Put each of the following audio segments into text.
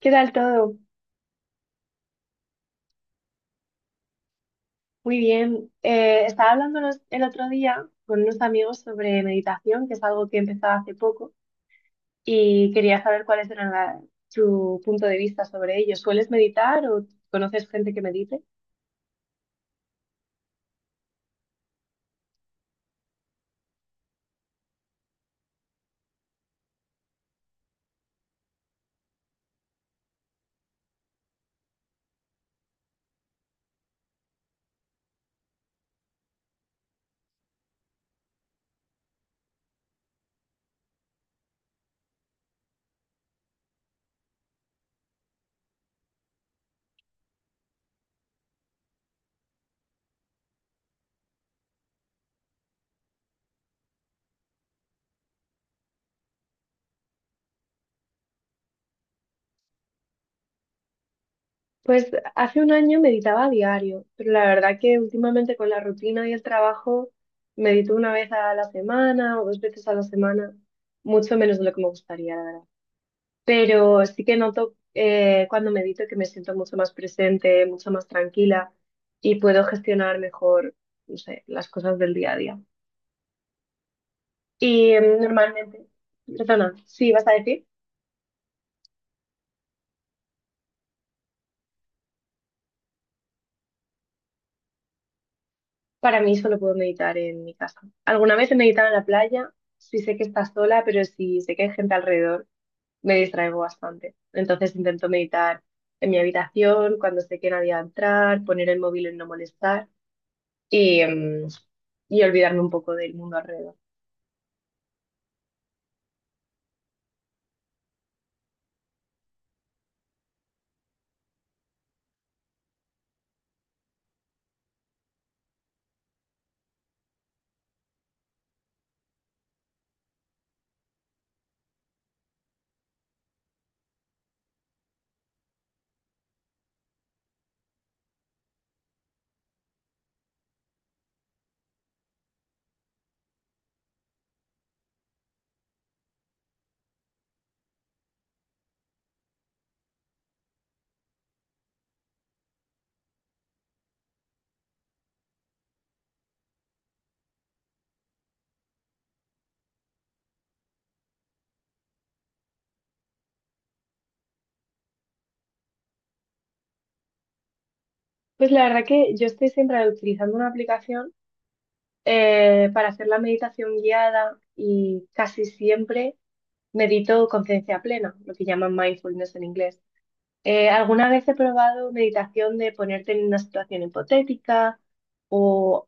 ¿Qué tal todo? Muy bien. Estaba hablando el otro día con unos amigos sobre meditación, que es algo que he empezado hace poco, y quería saber cuáles eran tu punto de vista sobre ello. ¿Sueles meditar o conoces gente que medite? Pues hace un año meditaba a diario, pero la verdad que últimamente con la rutina y el trabajo medito una vez a la semana o dos veces a la semana, mucho menos de lo que me gustaría, la verdad. Pero sí que noto, cuando medito, que me siento mucho más presente, mucho más tranquila y puedo gestionar mejor, no sé, las cosas del día a día. Y em, normalmente, perdona, sí, vas a decir. Para mí solo puedo meditar en mi casa. Alguna vez he meditado en la playa, sí sé que está sola, pero si sé que hay gente alrededor, me distraigo bastante. Entonces intento meditar en mi habitación, cuando sé que nadie va a entrar, poner el móvil en no molestar y, y olvidarme un poco del mundo alrededor. Pues la verdad que yo estoy siempre utilizando una aplicación, para hacer la meditación guiada, y casi siempre medito conciencia plena, lo que llaman mindfulness en inglés. Alguna vez he probado meditación de ponerte en una situación hipotética o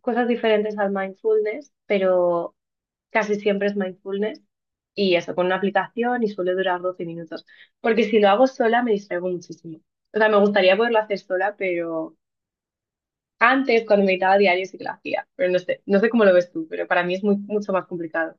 cosas diferentes al mindfulness, pero casi siempre es mindfulness, y eso con una aplicación, y suele durar 12 minutos, porque si lo hago sola me distraigo muchísimo. O sea, me gustaría poderlo hacer sola, pero... Antes, cuando meditaba a diario, sí que lo hacía, pero no sé, no sé cómo lo ves tú, pero para mí es mucho más complicado.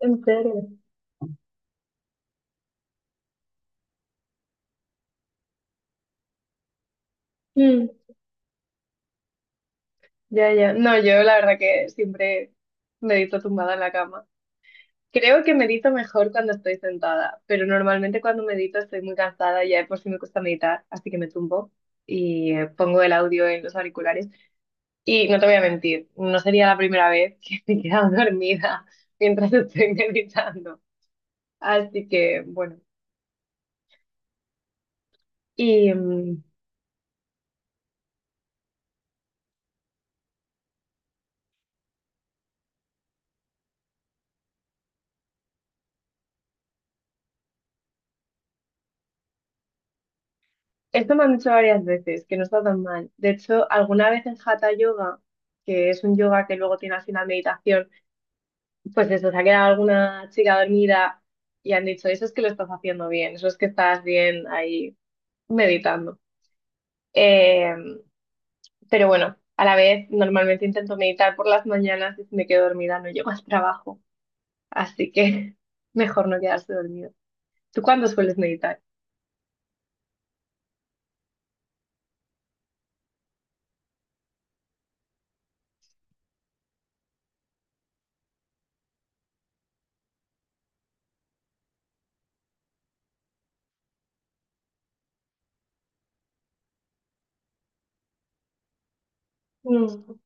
¿En serio? Mm, ya, ya. No, yo la verdad que siempre medito tumbada en la cama. Creo que medito mejor cuando estoy sentada, pero normalmente cuando medito estoy muy cansada y ya de por si me cuesta meditar, así que me tumbo y, pongo el audio en los auriculares. Y no te voy a mentir, no sería la primera vez que me he quedado dormida mientras estoy meditando. Así que, bueno. y mm, Esto me han dicho varias veces, que no está tan mal. De hecho, alguna vez en Hatha Yoga, que es un yoga que luego tiene al final meditación, pues eso, se ha quedado alguna chica dormida y han dicho, eso es que lo estás haciendo bien, eso es que estás bien ahí meditando. Eh, pero bueno, a la vez normalmente intento meditar por las mañanas, y si me quedo dormida no llego al trabajo, así que mejor no quedarse dormido. ¿Tú cuándo sueles meditar? Mm.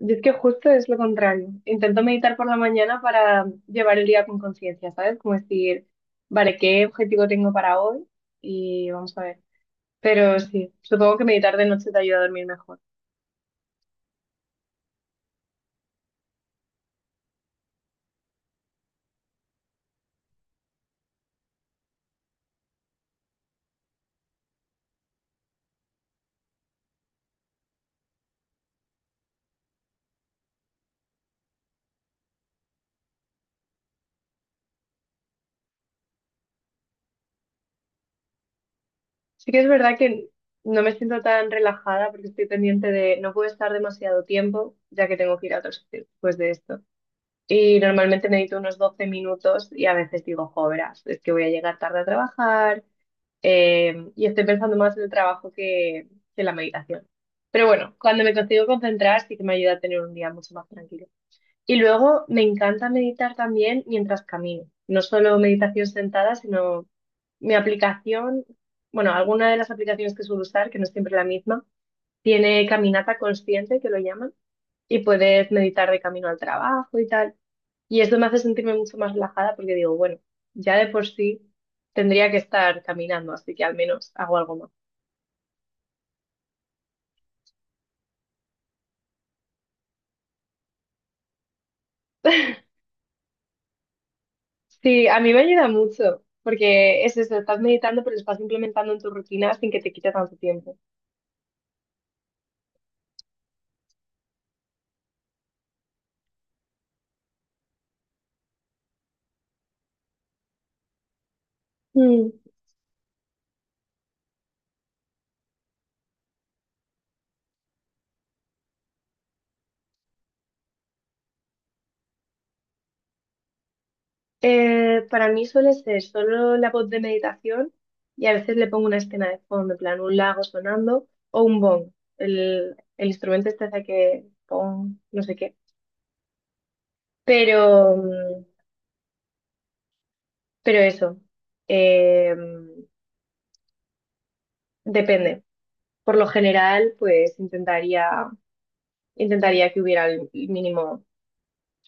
Yo es que justo es lo contrario. Intento meditar por la mañana para llevar el día con conciencia, ¿sabes? Como decir, vale, ¿qué objetivo tengo para hoy? Y vamos a ver. Pero sí, supongo que meditar de noche te ayuda a dormir mejor. Sí que es verdad que no me siento tan relajada porque estoy pendiente de no puedo estar demasiado tiempo, ya que tengo que ir a otro sitio después de esto. Y normalmente medito unos 12 minutos, y a veces digo, joveras, es que voy a llegar tarde a trabajar. Y estoy pensando más en el trabajo que en la meditación. Pero bueno, cuando me consigo concentrar, sí que me ayuda a tener un día mucho más tranquilo. Y luego me encanta meditar también mientras camino. No solo meditación sentada, sino mi aplicación, bueno, alguna de las aplicaciones que suelo usar, que no es siempre la misma, tiene caminata consciente, que lo llaman, y puedes meditar de camino al trabajo y tal. Y esto me hace sentirme mucho más relajada porque digo, bueno, ya de por sí tendría que estar caminando, así que al menos hago algo más. Sí, a mí me ayuda mucho, porque es eso, estás meditando, pero lo estás implementando en tu rutina sin que te quite tanto tiempo. Mm. Para mí suele ser solo la voz de meditación, y a veces le pongo una escena de fondo, en plan un lago sonando o un bong, el instrumento este hace que pong, no sé qué. Pero, pero eso, eh, depende. Por lo general, pues intentaría que hubiera el mínimo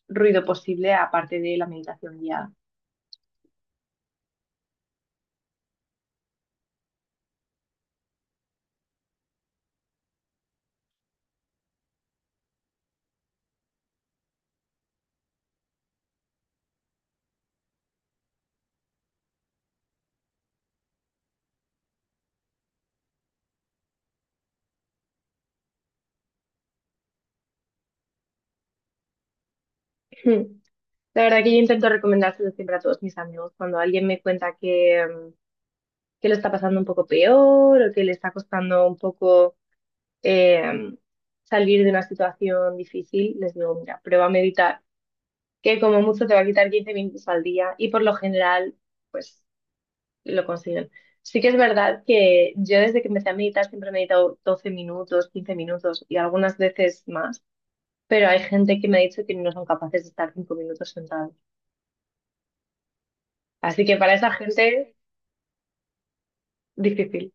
ruido posible, aparte de la meditación guiada. Hmm. La verdad que yo intento recomendárselo siempre a todos mis amigos. Cuando alguien me cuenta que lo está pasando un poco peor, o que le está costando un poco, eh, salir de una situación difícil, les digo, mira, prueba a meditar, que como mucho te va a quitar 15 minutos al día, y por lo general, pues lo consiguen. Sí que es verdad que yo desde que empecé a meditar siempre he meditado 12 minutos, 15 minutos y algunas veces más, pero hay gente que me ha dicho que no son capaces de estar 5 minutos sentados. Así que para esa gente, difícil.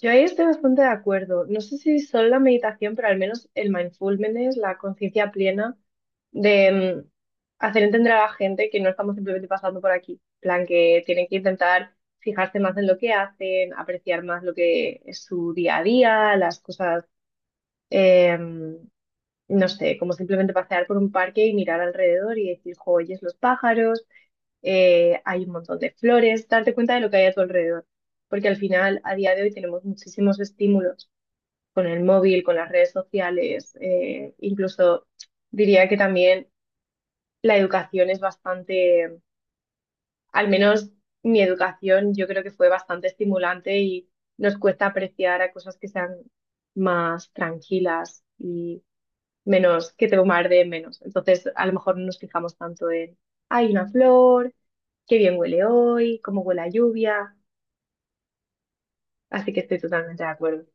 Yo ahí estoy bastante de acuerdo. No sé si solo la meditación, pero al menos el mindfulness, la conciencia plena de, hacer entender a la gente que no estamos simplemente pasando por aquí. En plan, que tienen que intentar fijarse más en lo que hacen, apreciar más lo que es su día a día, las cosas, em, no sé, como simplemente pasear por un parque y mirar alrededor y decir, "Jo, oyes los pájaros, hay un montón de flores", darte cuenta de lo que hay a tu alrededor. Porque al final, a día de hoy, tenemos muchísimos estímulos con el móvil, con las redes sociales, incluso diría que también la educación es bastante, al menos mi educación yo creo que fue bastante estimulante, y nos cuesta apreciar a cosas que sean más tranquilas y menos, que te bombarden menos. Entonces, a lo mejor no nos fijamos tanto en, hay una flor, qué bien huele hoy, cómo huele la lluvia, así que estoy totalmente de acuerdo.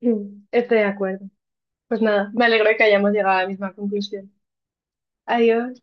Mm, estoy de acuerdo. Pues nada, me alegro de que hayamos llegado a la misma conclusión. Adiós.